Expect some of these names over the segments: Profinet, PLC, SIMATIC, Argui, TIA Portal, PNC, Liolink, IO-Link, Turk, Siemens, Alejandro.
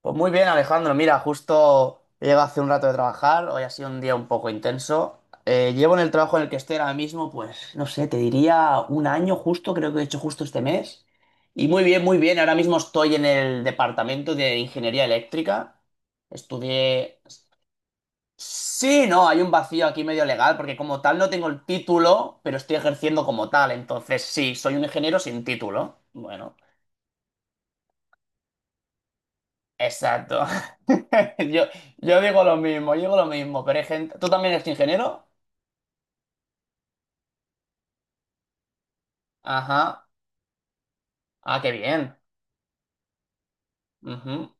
Pues muy bien, Alejandro. Mira, justo he llegado hace un rato de trabajar. Hoy ha sido un día un poco intenso. Llevo en el trabajo en el que estoy ahora mismo, pues, no sé, te diría un año justo, creo que he hecho justo este mes. Y muy bien, muy bien. Ahora mismo estoy en el departamento de ingeniería eléctrica. Estudié... Sí, no, hay un vacío aquí medio legal, porque como tal no tengo el título, pero estoy ejerciendo como tal. Entonces, sí, soy un ingeniero sin título. Bueno. Exacto. Yo, yo digo lo mismo, yo digo lo mismo, pero hay gente... ¿Tú también eres ingeniero? Ajá. Ah, qué bien. Ujú.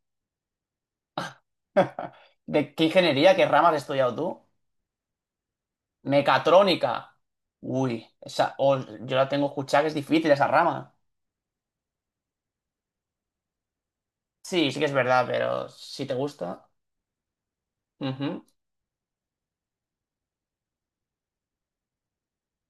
¿De qué ingeniería, qué ramas has estudiado tú? Mecatrónica. Uy, esa... oh, yo la tengo escuchada que es difícil esa rama. Sí, sí que es verdad, pero si te gusta... Ujú.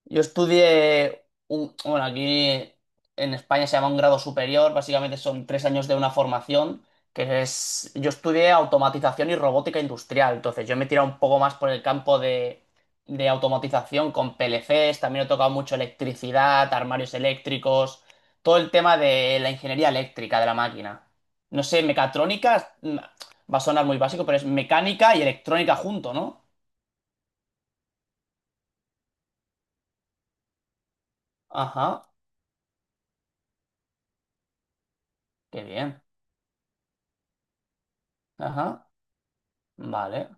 Yo estudié un, bueno, aquí en España se llama un grado superior, básicamente son 3 años de una formación, que es, yo estudié automatización y robótica industrial, entonces yo me he tirado un poco más por el campo de automatización con PLCs, también he tocado mucho electricidad, armarios eléctricos, todo el tema de la ingeniería eléctrica de la máquina. No sé, mecatrónica, va a sonar muy básico, pero es mecánica y electrónica junto, ¿no? Ajá, qué bien. Ajá, vale.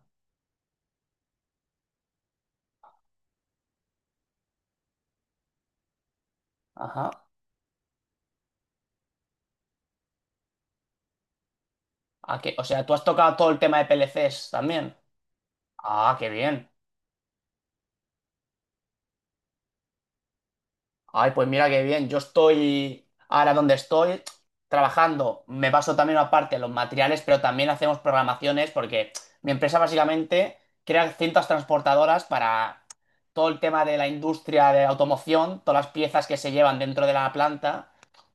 Ajá. Ah, o sea, tú has tocado todo el tema de PLCs también. Ah, qué bien. Ay, pues mira qué bien. Yo estoy ahora donde estoy trabajando. Me paso también aparte los materiales, pero también hacemos programaciones porque mi empresa básicamente crea cintas transportadoras para todo el tema de la industria de automoción, todas las piezas que se llevan dentro de la planta.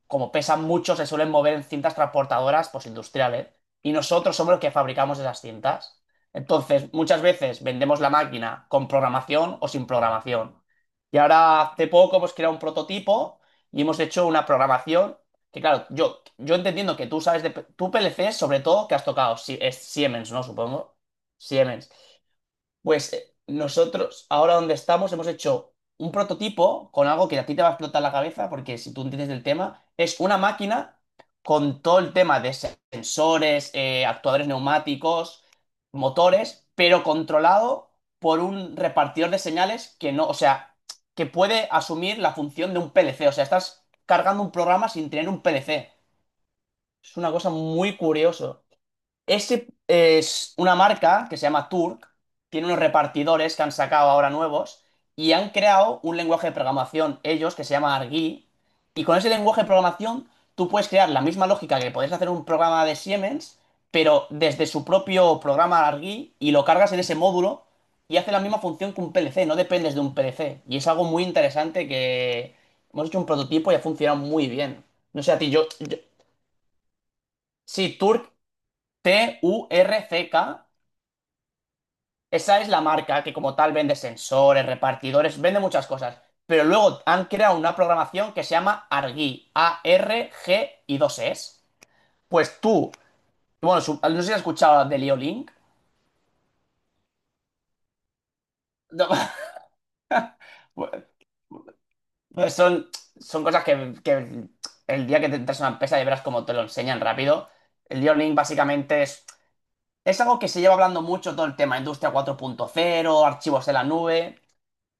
Como pesan mucho, se suelen mover en cintas transportadoras pues, industriales. Y nosotros somos los que fabricamos esas cintas. Entonces, muchas veces vendemos la máquina con programación o sin programación. Y ahora hace poco hemos creado un prototipo y hemos hecho una programación que, claro, yo entendiendo que tú sabes de... Tú PLC, sobre todo, que has tocado, es Siemens, ¿no? Supongo. Siemens. Pues nosotros, ahora donde estamos, hemos hecho un prototipo con algo que a ti te va a explotar la cabeza, porque si tú entiendes el tema, es una máquina con todo el tema de sensores, actuadores neumáticos, motores, pero controlado por un repartidor de señales que no, o sea, que puede asumir la función de un PLC. O sea, estás cargando un programa sin tener un PLC. Es una cosa muy curiosa. Este es una marca que se llama Turk, tiene unos repartidores que han sacado ahora nuevos y han creado un lenguaje de programación ellos que se llama Argui. Y con ese lenguaje de programación tú puedes crear la misma lógica que podés hacer un programa de Siemens, pero desde su propio programa Argui y lo cargas en ese módulo y hace la misma función que un PLC, no dependes de un PLC. Y es algo muy interesante que hemos hecho un prototipo y ha funcionado muy bien. No sé, a ti, yo. Sí, Turk, T-U-R-C-K. Esa es la marca que como tal vende sensores, repartidores, vende muchas cosas. Pero luego han creado una programación que se llama Argy A-R-G y dos S. Pues tú, bueno, no sé si has escuchado de Liolink. Pues son cosas que el día que te entras a una empresa y verás cómo te lo enseñan rápido. El Liolink básicamente es, algo que se lleva hablando mucho todo el tema, industria 4.0, archivos en la nube.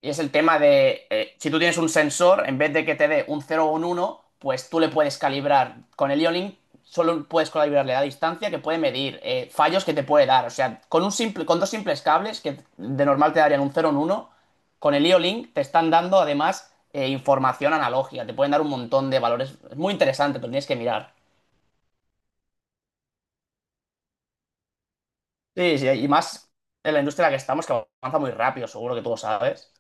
Y es el tema de, si tú tienes un sensor, en vez de que te dé un cero o un uno pues tú le puedes calibrar. Con el IO-Link solo puedes calibrarle la distancia que puede medir, fallos que te puede dar. O sea, con un simple, con dos simples cables que de normal te darían un cero o un uno con el IO-Link te están dando además información analógica. Te pueden dar un montón de valores. Es muy interesante, pero tienes que mirar. Sí, sí, y más en la industria en la que estamos, que avanza muy rápido, seguro que tú lo sabes.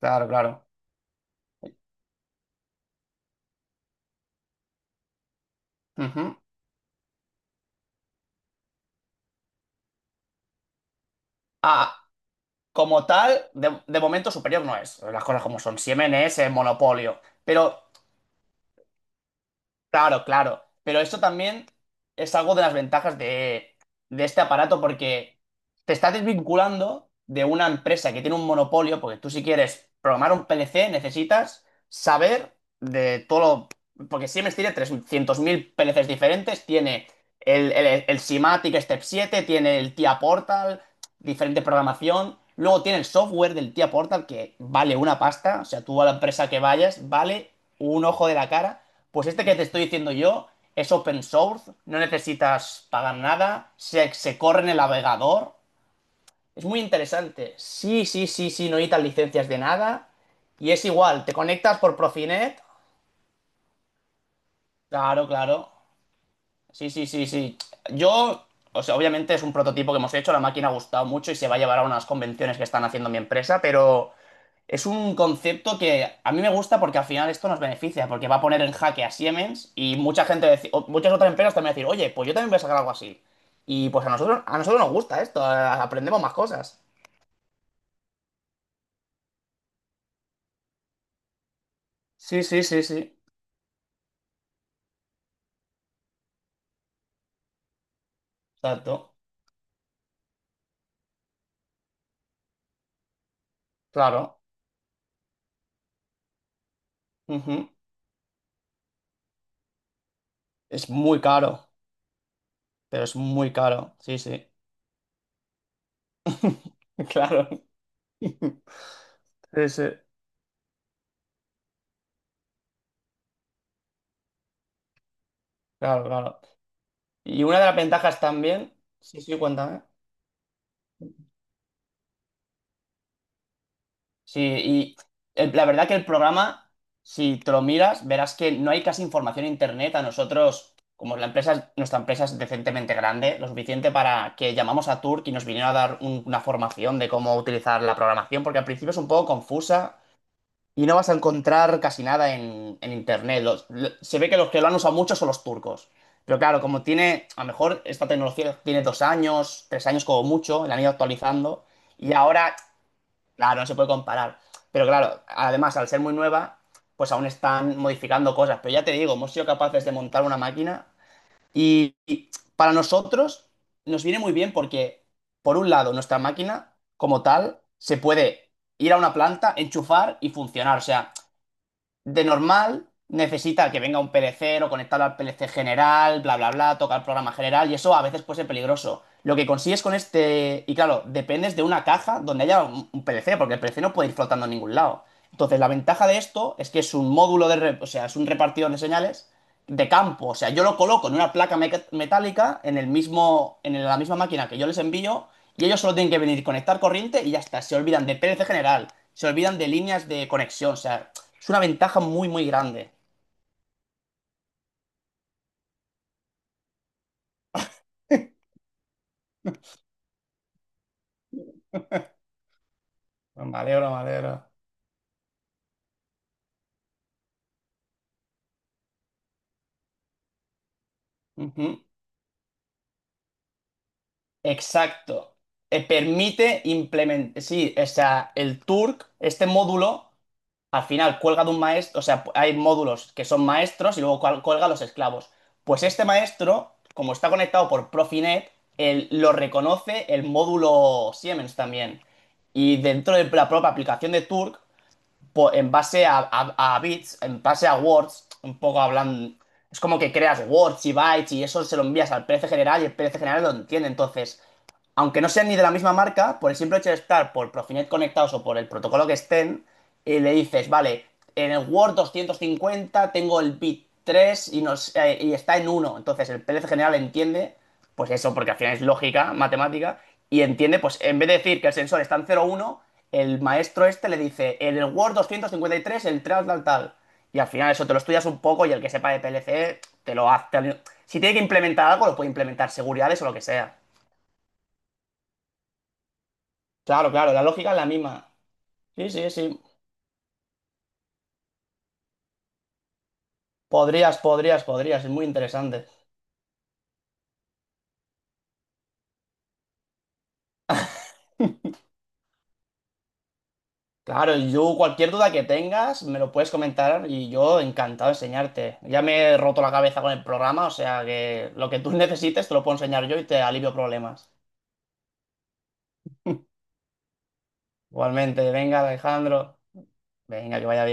Claro, claro. Ujú. Ah, como tal, de momento superior no es. Las cosas como son. Siemens es el monopolio. Pero, claro, claro. Pero esto también es algo de las ventajas de este aparato porque te estás desvinculando de una empresa que tiene un monopolio, porque tú si quieres programar un PLC necesitas saber de todo lo... Porque Siemens tiene 300.000 PLCs diferentes, tiene el SIMATIC Step 7, tiene el TIA Portal, diferente programación. Luego tiene el software del tía Portal que vale una pasta. O sea, tú a la empresa que vayas vale un ojo de la cara. Pues este que te estoy diciendo yo es open source, no necesitas pagar nada, se corre en el navegador. Es muy interesante. Sí, sí, sí, sí, no necesitas licencias de nada. Y es igual, te conectas por Profinet. Claro, claro. Sí, sí, sí, sí. Yo, o sea, obviamente es un prototipo que hemos hecho, la máquina ha gustado mucho y se va a llevar a unas convenciones que están haciendo mi empresa, pero es un concepto que a mí me gusta porque al final esto nos beneficia, porque va a poner en jaque a Siemens y mucha gente, deci- o muchas otras empresas también van a decir, oye, pues yo también voy a sacar algo así. Y pues a nosotros nos gusta esto, aprendemos más cosas. Sí, sí, sí, sí. Exacto. Claro. Ujú. Es muy caro, pero es muy caro. Sí, sí. Claro. Sí, sí. Claro, claro. Y una de las ventajas también. Sí, sí, cuéntame. Sí, y la verdad que el programa, si te lo miras, verás que no hay casi información en internet. A nosotros, como la empresa, nuestra empresa es decentemente grande, lo suficiente para que llamamos a Turk y nos vinieron a dar una formación de cómo utilizar la programación, porque al principio es un poco confusa y no vas a encontrar casi nada en internet. Se ve que los que lo han usado mucho son los turcos. Pero claro, como tiene, a lo mejor esta tecnología tiene 2 años, 3 años como mucho, la han ido actualizando. Y ahora. Claro, no se puede comparar. Pero claro, además, al ser muy nueva, pues aún están modificando cosas. Pero ya te digo, hemos sido capaces de montar una máquina y para nosotros nos viene muy bien porque, por un lado, nuestra máquina como tal se puede ir a una planta, enchufar y funcionar. O sea, de normal, necesita que venga un PLC o conectarlo al PLC general, bla, bla, bla, tocar el programa general, y eso a veces puede ser peligroso. Lo que consigues con este, y claro, dependes de una caja donde haya un PLC, porque el PLC no puede ir flotando en ningún lado. Entonces, la ventaja de esto es que es un módulo de, o sea, es un repartidor de señales de campo. O sea, yo lo coloco en una placa metálica en el mismo, en la misma máquina que yo les envío, y ellos solo tienen que venir, conectar corriente y ya está. Se olvidan de PLC general, se olvidan de líneas de conexión, o sea, es una ventaja muy, muy grande. Me alegro, me alegro. Ujú, exacto. Permite implementar, sí, o sea, el Turk, este módulo, al final cuelga de un maestro, o sea, hay módulos que son maestros y luego cuelga los esclavos. Pues este maestro, como está conectado por Profinet, él lo reconoce el módulo Siemens también. Y dentro de la propia aplicación de Turk en base a, a bits, en base a words, un poco hablando es como que creas words y bytes y eso se lo envías al PNC general y el PNC general lo entiende. Entonces, aunque no sean ni de la misma marca, por el simple hecho de estar por Profinet conectados o por el protocolo que estén, le dices, vale, en el Word 250 tengo el bit 3 y está en uno. Entonces el PLC general entiende, pues eso, porque al final es lógica, matemática, y entiende, pues en vez de decir que el sensor está en cero uno, el maestro este le dice, en el Word 253 el tal, tal, tal. Y al final eso te lo estudias un poco y el que sepa de PLC te lo hace. Si tiene que implementar algo, lo puede implementar, seguridades o lo que sea. Claro, claro, la lógica es la misma. Sí, sí, sí. Podrías, podrías, podrías. Es muy interesante. Claro, y yo cualquier duda que tengas me lo puedes comentar y yo encantado de enseñarte. Ya me he roto la cabeza con el programa, o sea que lo que tú necesites te lo puedo enseñar yo y te alivio problemas. Igualmente, venga, Alejandro. Venga, que vaya bien.